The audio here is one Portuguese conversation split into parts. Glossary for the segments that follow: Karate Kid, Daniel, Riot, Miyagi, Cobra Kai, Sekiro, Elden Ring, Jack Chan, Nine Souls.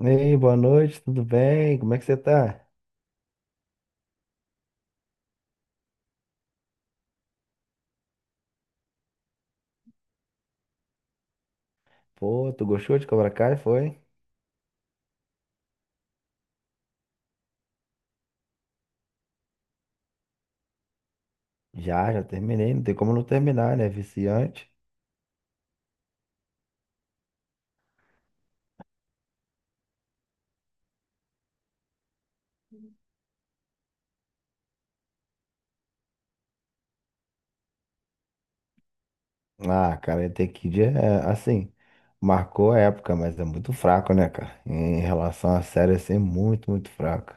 Ei, boa noite, tudo bem? Como é que você tá? Pô, tu gostou de Cobra Kai, foi? Já terminei, não tem como não terminar, né? Viciante. Ah, cara, até Kid é assim, marcou a época, mas é muito fraco, né, cara? Em relação à série, assim, é muito fraco.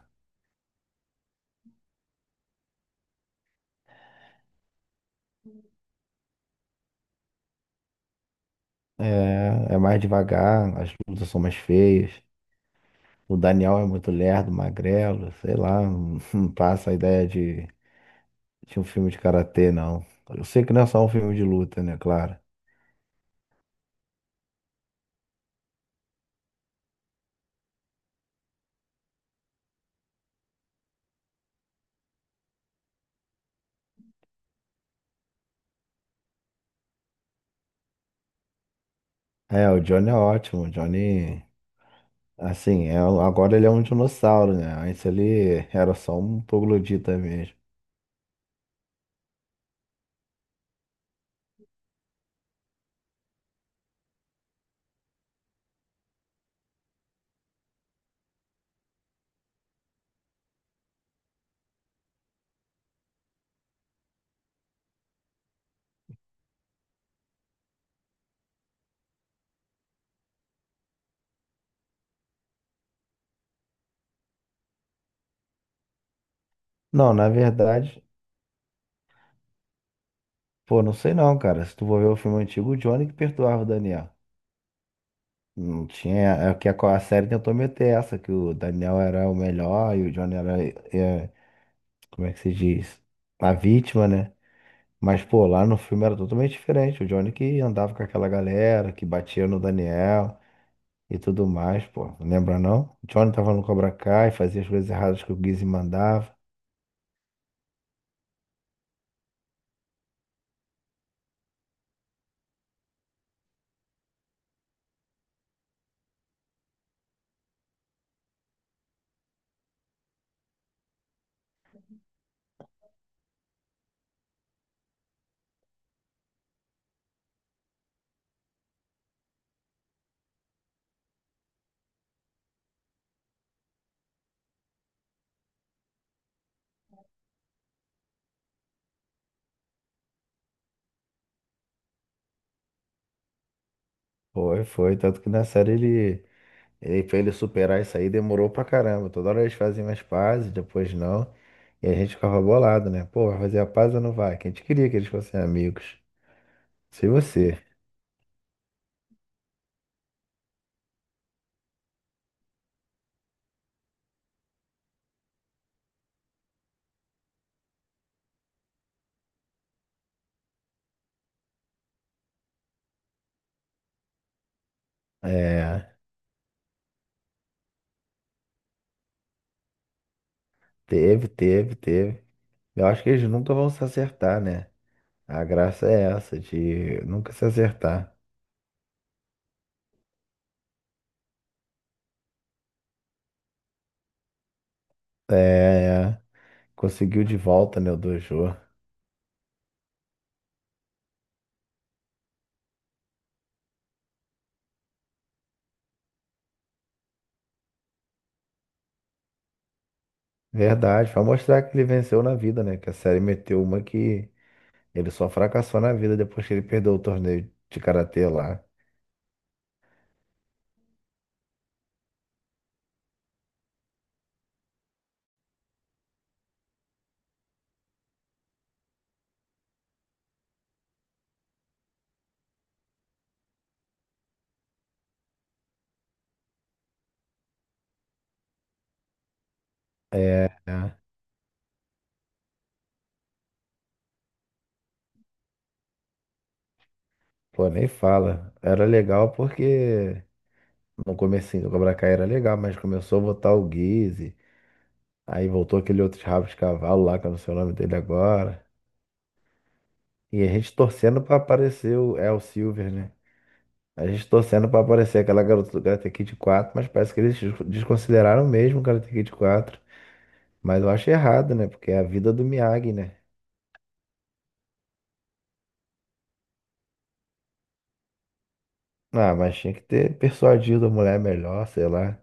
É mais devagar, as lutas são mais feias. O Daniel é muito lerdo, magrelo, sei lá, não não passa a ideia de um filme de karatê, não. Eu sei que não é só um filme de luta, né, claro. É, o Johnny é ótimo. O Johnny, assim, agora ele é um dinossauro, né? Antes ele era só um troglodita mesmo. Não, na verdade, pô, não sei não, cara. Se tu for ver o filme antigo, o Johnny que perdoava o Daniel. Não tinha. É que a série tentou meter essa, que o Daniel era o melhor e o Johnny era, é, como é que se diz? A vítima, né? Mas, pô, lá no filme era totalmente diferente. O Johnny que andava com aquela galera, que batia no Daniel e tudo mais, pô. Não lembra não? Johnny tava no Cobra Kai, fazia as coisas erradas que o Gizzy mandava. Foi. Tanto que na série pra ele superar isso aí demorou pra caramba. Toda hora eles faziam as pazes, depois não. E a gente ficava bolado, né? Pô, vai fazer a paz ou não vai? Que a gente queria que eles fossem amigos. Se você. É, teve. Eu acho que eles nunca vão se acertar, né? A graça é essa, de nunca se acertar. É, conseguiu de volta, né, o Dojo. Verdade, pra mostrar que ele venceu na vida, né? Que a série meteu uma que ele só fracassou na vida depois que ele perdeu o torneio de karatê lá. É, né? Pô, nem fala. Era legal porque no comecinho do Cobra Kai era legal, mas começou a botar o Guise, aí voltou aquele outro rabo de cavalo lá, que eu não sei o nome dele agora. E a gente torcendo pra aparecer o El Silver, né? A gente torcendo pra aparecer aquela garota do Karate Kid 4, mas parece que eles desconsideraram mesmo o Karate Kid 4. Mas eu acho errado, né? Porque é a vida do Miyagi, né? Ah, mas tinha que ter persuadido a mulher melhor, sei lá.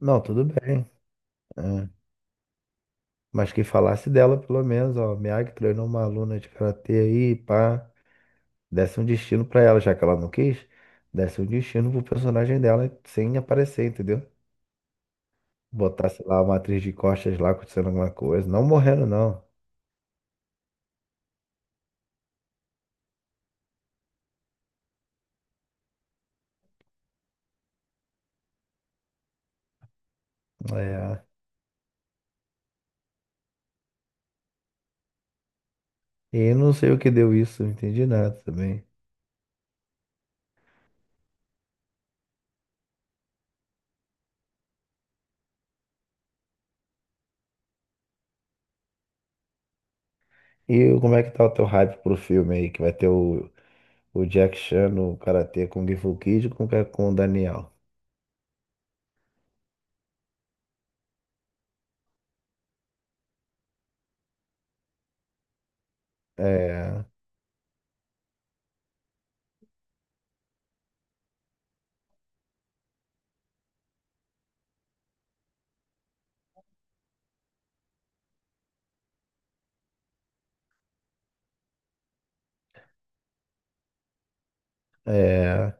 Não, tudo bem. É. Mas que falasse dela, pelo menos, ó. Miyagi treinou uma aluna de karatê aí, pá. Desse um destino pra ela, já que ela não quis. Desse um destino pro personagem dela sem aparecer, entendeu? Botasse lá uma atriz de costas lá acontecendo alguma coisa. Não morrendo, não. É. E não sei o que deu isso, não entendi nada também. E como é que tá o teu hype pro filme aí, que vai ter o Jack Chan no Karate com o Fu Kid com o Daniel. É, é.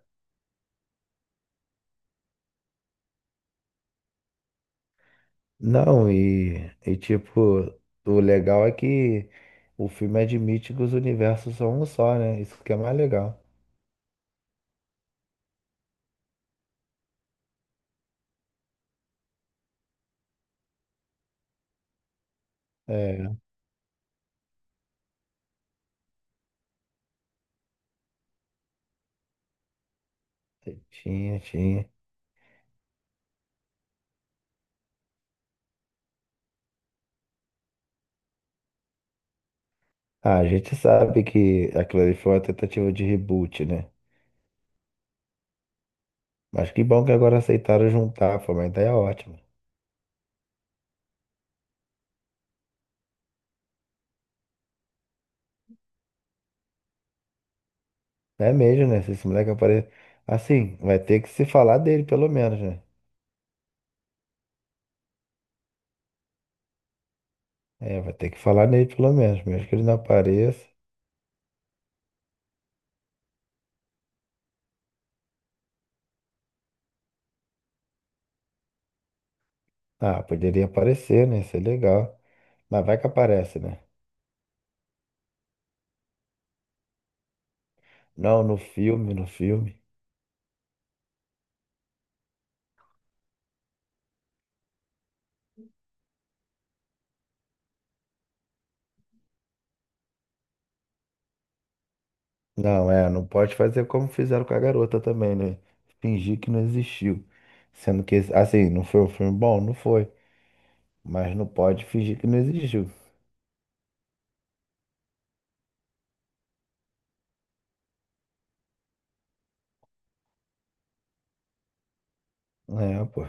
Não, tipo, o legal é que o filme admite que os universos são um só, né? Isso que é mais legal. É, tinha. Ah, a gente sabe que aquilo ali foi uma tentativa de reboot, né? Mas que bom que agora aceitaram juntar, foi uma ideia ótima. É mesmo, né? Se esse moleque aparecer. Assim, vai ter que se falar dele, pelo menos, né? É, vai ter que falar nele pelo menos, mesmo que ele não apareça. Ah, poderia aparecer, né? Isso é legal. Mas vai que aparece, né? Não, no filme. Não, é, não pode fazer como fizeram com a garota também, né? Fingir que não existiu. Sendo que, assim, não foi um filme bom? Não foi. Mas não pode fingir que não existiu. É, pô.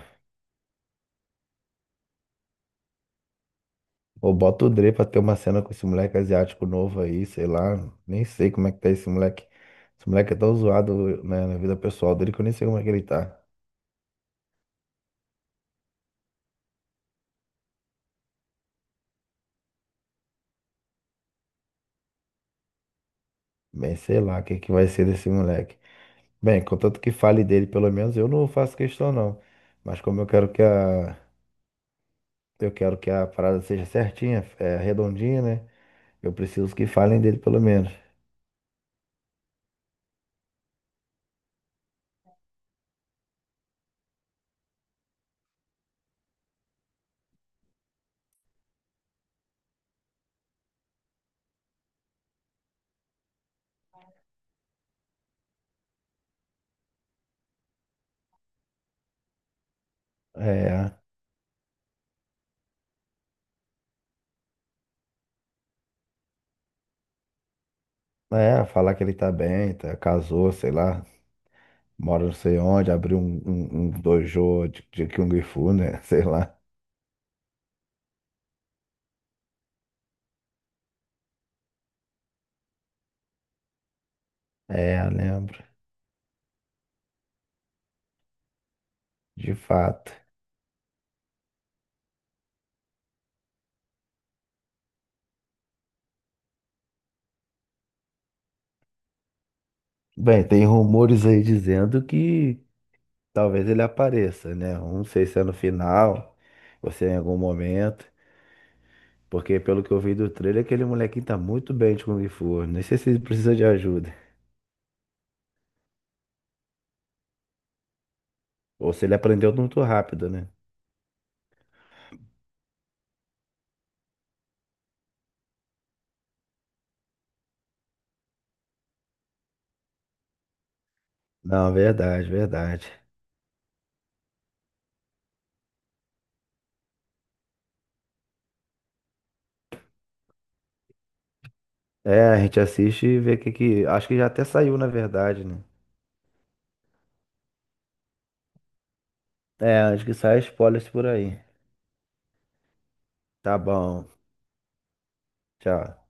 Ou bota o Dre pra ter uma cena com esse moleque asiático novo aí, sei lá. Nem sei como é que tá esse moleque. Esse moleque é tão zoado, né, na vida pessoal dele que eu nem sei como é que ele tá. Bem, sei lá o que que vai ser desse moleque. Bem, contanto que fale dele, pelo menos eu não faço questão não. Mas como eu quero que a parada seja certinha, é, redondinha, né? Eu preciso que falem dele pelo menos. É, falar que ele tá bem, tá, casou, sei lá, mora não sei onde, abriu um dojo de Kung Fu, né? Sei lá. É, eu lembro, de fato. Bem, tem rumores aí dizendo que talvez ele apareça, né? Não sei se é no final, ou se é em algum momento. Porque pelo que eu vi do trailer, aquele molequinho tá muito bem de Kung Fu. Nem sei se ele precisa de ajuda. Ou se ele aprendeu muito rápido, né? Não, verdade. É, a gente assiste e vê o que que. Acho que já até saiu, na verdade, né? É, acho que sai spoilers por aí. Tá bom. Tchau.